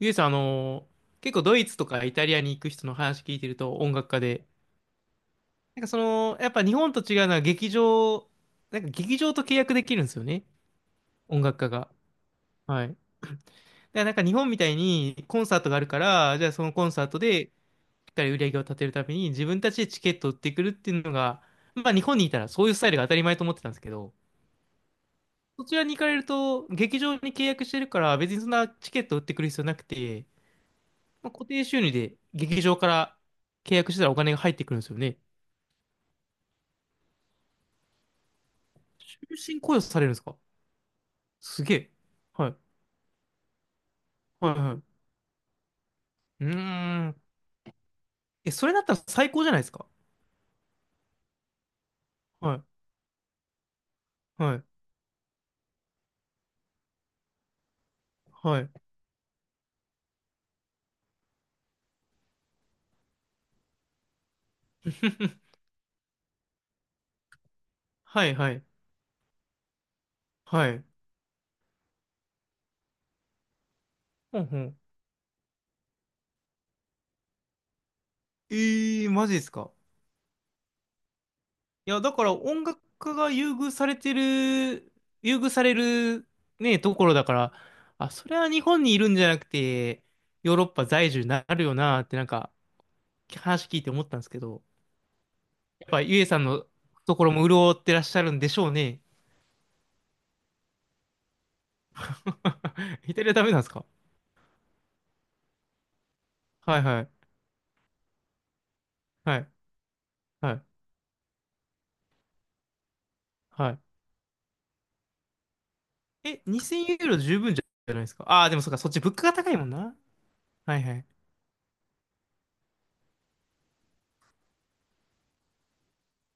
ゆえさん、結構ドイツとかイタリアに行く人の話聞いてると音楽家で、なんかその、やっぱ日本と違うのは劇場、なんか劇場と契約できるんですよね、音楽家が。はい。だからなんか日本みたいにコンサートがあるから、じゃあそのコンサートでしっかり売り上げを立てるために自分たちでチケットを売ってくるっていうのが、まあ日本にいたらそういうスタイルが当たり前と思ってたんですけど、そちらに行かれると劇場に契約してるから別にそんなチケットを売ってくる必要なくて、まあ、固定収入で劇場から契約したらお金が入ってくるんですよね。終身雇用されるんですか？すげえ。はい。はいはい。うーん。え、それだったら最高じゃないですか？はい。はい。はい。はいはいはい。ほんほん。ええー、マジですか？いや、だから音楽家が優遇されてる、優遇されるね、ところだから、あ、それは日本にいるんじゃなくて、ヨーロッパ在住になるよなってなんか話聞いて思ったんですけど、ゆえさんのところも潤ってらっしゃるんでしょうね。イタリアダメなんですか？はいはい。はい。はい。はい。え、2000ユーロ十分じゃないですか？ああー、でもそっか、そっち物価が高いもんな。はいはい。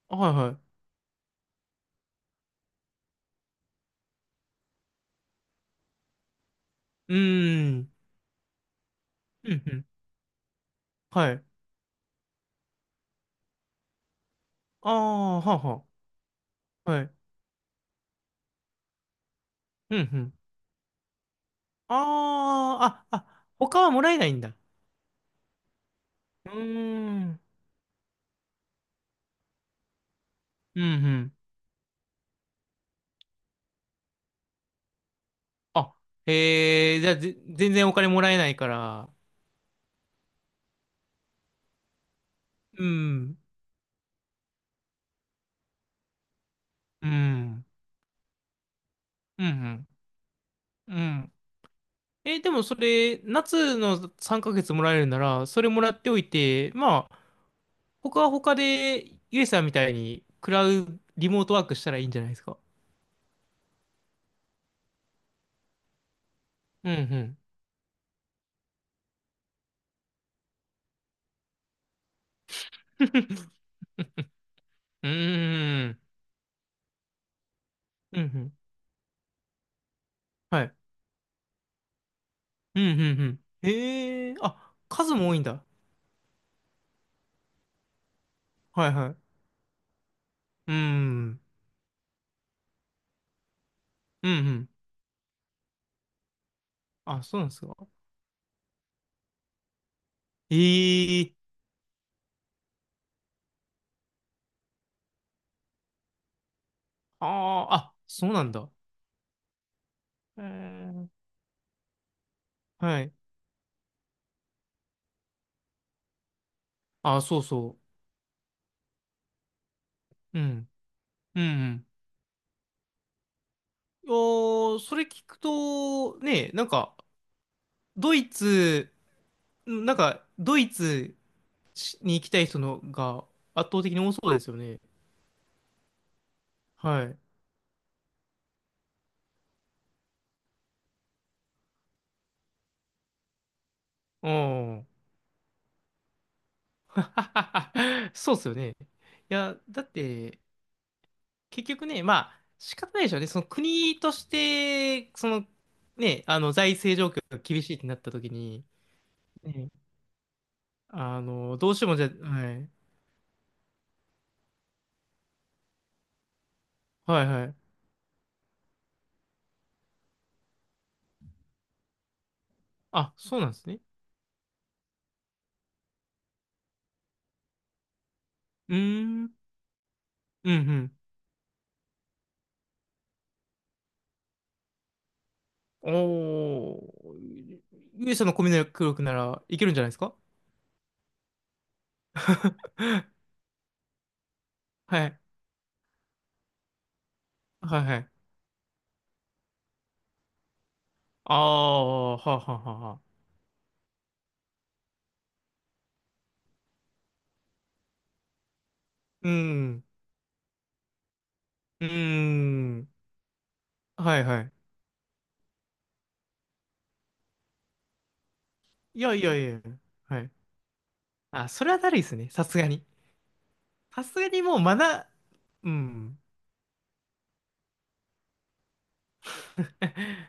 はいはい。うーん。うんうん。はい。ああ、はあはあ。はい。うんうん。ああ、あ、あ、他はもらえないんだ。うーん。うんうん。あ、へえ、じゃあ、全然お金もらえないから。うん。うん。うんうん。うん。え、でもそれ、夏の3ヶ月もらえるなら、それもらっておいて、まあ、他は他で、ゆえさんみたいに、クラウ、リモートワークしたらいいんじゃないですか。うんうん。うーん。うんうん。はい。うんうんうん。へえ、あ、数も多いんだ。はいはい。うん。うんうん。あ、そうなんですか？ええ、ああ、あ、そうなんだ。えー、はい。あ、そうそう。うん。うんうん。いやーそれ聞くと、ね、なんか、ドイツ、なんか、ドイツに行きたい人のが圧倒的に多そうですよね。はい。うん。そうですよね。いや、だって、結局ね、まあ、仕方ないでしょうね。その国として、その、ね、あの、財政状況が厳しいってなった時に、ね、あの、どうしてもじゃ、はい。はいはい。あ、そうなんですね。うーん。うんうん。おー。勇者のコミュ力ならいけるんじゃないですか？はい。はいはい。ああ、はあはあはあはあ。うん。うん。はいはい。いやいやいや。はい。あ、それはだるいですね。さすがに。さすがにもうまだ、うん。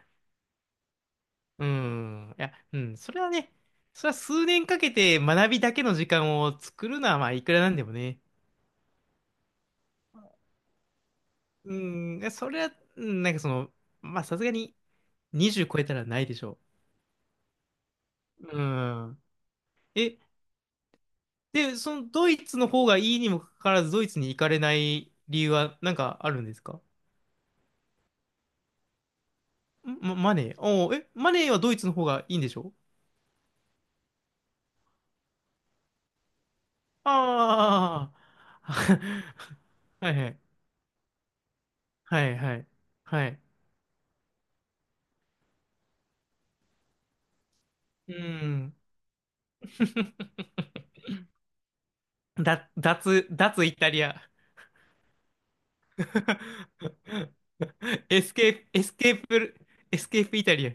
うん。いや、うん。それはね、それは数年かけて学びだけの時間を作るのは、まあ、いくらなんでもね。うん。いやそれは、うんなんかその、まあ、さすがに20超えたらないでしょう。うん。え、で、そのドイツの方がいいにもかかわらず、ドイツに行かれない理由はなんかあるんですか？マネー。おーえ、マネーはドイツの方がいいんでしょ？ああー。はいはい。はいはい。はい。うん。脱イタリア。エスケープ、エスケープ、エスケープイタリア。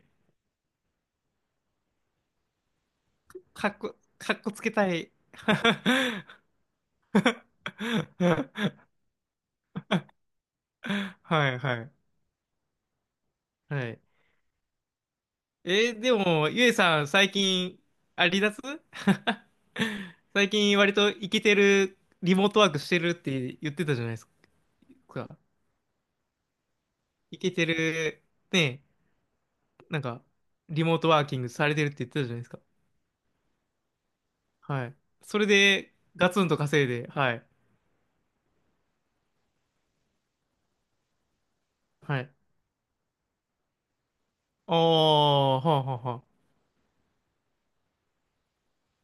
かっこつけたい。はいはい。はい。えーでも、ゆえさん、最近、あ、離脱 最近、割とイケてる、リモートワークしてるって言ってたじゃないですか。イケてる、ね、なんか、リモートワーキングされてるって言ってたじゃないですか。はい。それで、ガツンと稼いで、はい。はい。ああ、はあはあはあ。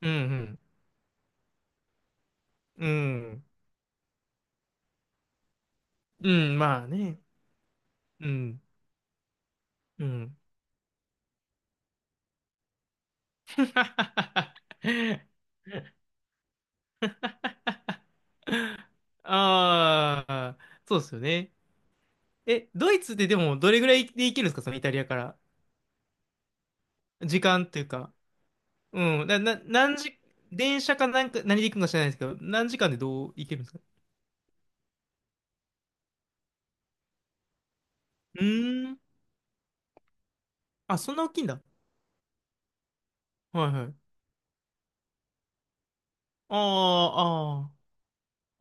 うん、うん。うん。うん、まあね。うん、うん。ああ、そうですよね。え、ドイツってでもどれぐらいで行けるんですか、そのイタリアから。時間っていうか。うん。何時、電車かなんか、何で行くのか知らないですけど、何時間でどう行けるんですか？うーん。あ、そんな大きいんだ。はいはい。ああ、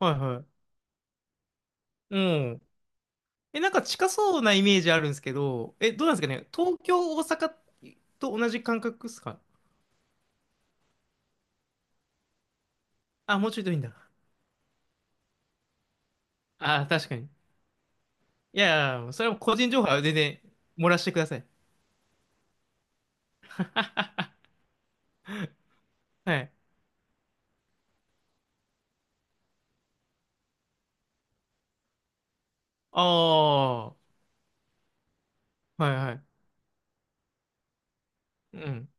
ああ、はいはい。うん。え、なんか近そうなイメージあるんですけど、え、どうなんですかね。東京、大阪と同じ感覚ですか？あ、もうちょいといいんだ。ああ、確かに。いや、それは個人情報は全然漏らしてください。はい。ああ、はいはい。うん。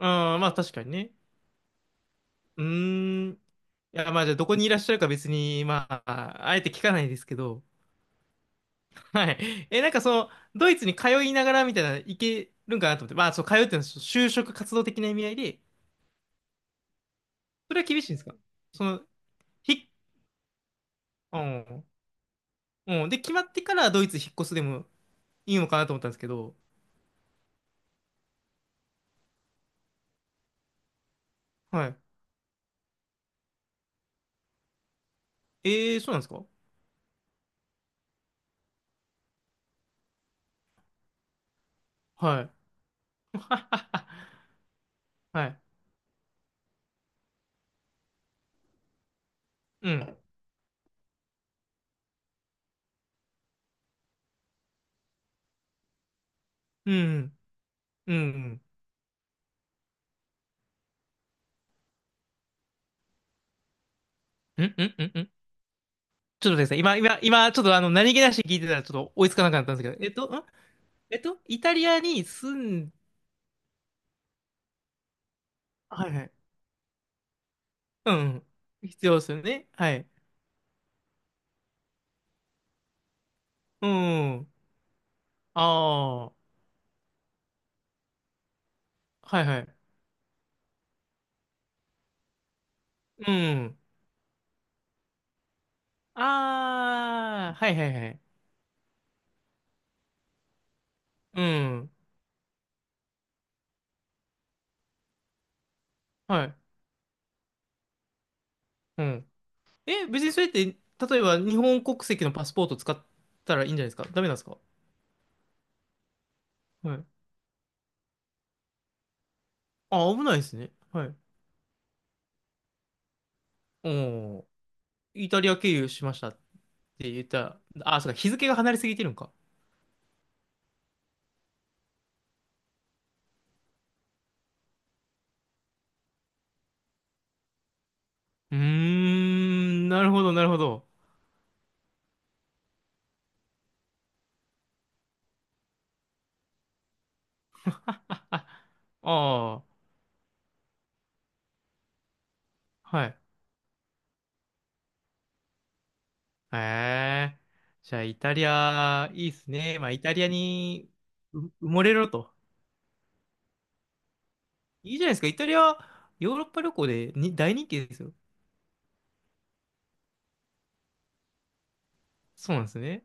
あーまあ確かにね。うーん。いや、まあじゃあどこにいらっしゃるか別に、まあ、あえて聞かないですけど。はい。え、なんかその、ドイツに通いながらみたいな、いけるんかなと思って。まあ、そう、通うっていうのは就職活動的な意味合いで、それは厳しいんですか？その、ひ、うん。うん。で、決まってからドイツ引っ越すでもいいのかなと思ったんですけど。はい。えー、そうなんですか？はい。はい。うん。うん。うん。うん。うんうんうんうん。ちょっとですね、今、ちょっとあの、何気なしに聞いてたらちょっと追いつかなかったんですけど、イタリアに住ん、はいはい。うん。必要ですよね。はい。うん。ああ、はいはい。うん。ああ、はいはいはい。うん。はい。うん。え、別にそれって、例えば日本国籍のパスポート使ったらいいんじゃないですか？ダメなんですか？はい。あ、危ないですね。はい。おー、イタリア経由しましたって言ったら、あ、そうか、日付が離れすぎてるんか。うーん、なるほど、なるほど。あ、ああ、はい。へえ。じゃあ、イタリア、いいっすね。まあ、イタリアに埋もれろと。いいじゃないですか。イタリア、ヨーロッパ旅行でに大人気ですよ。そうなんですね。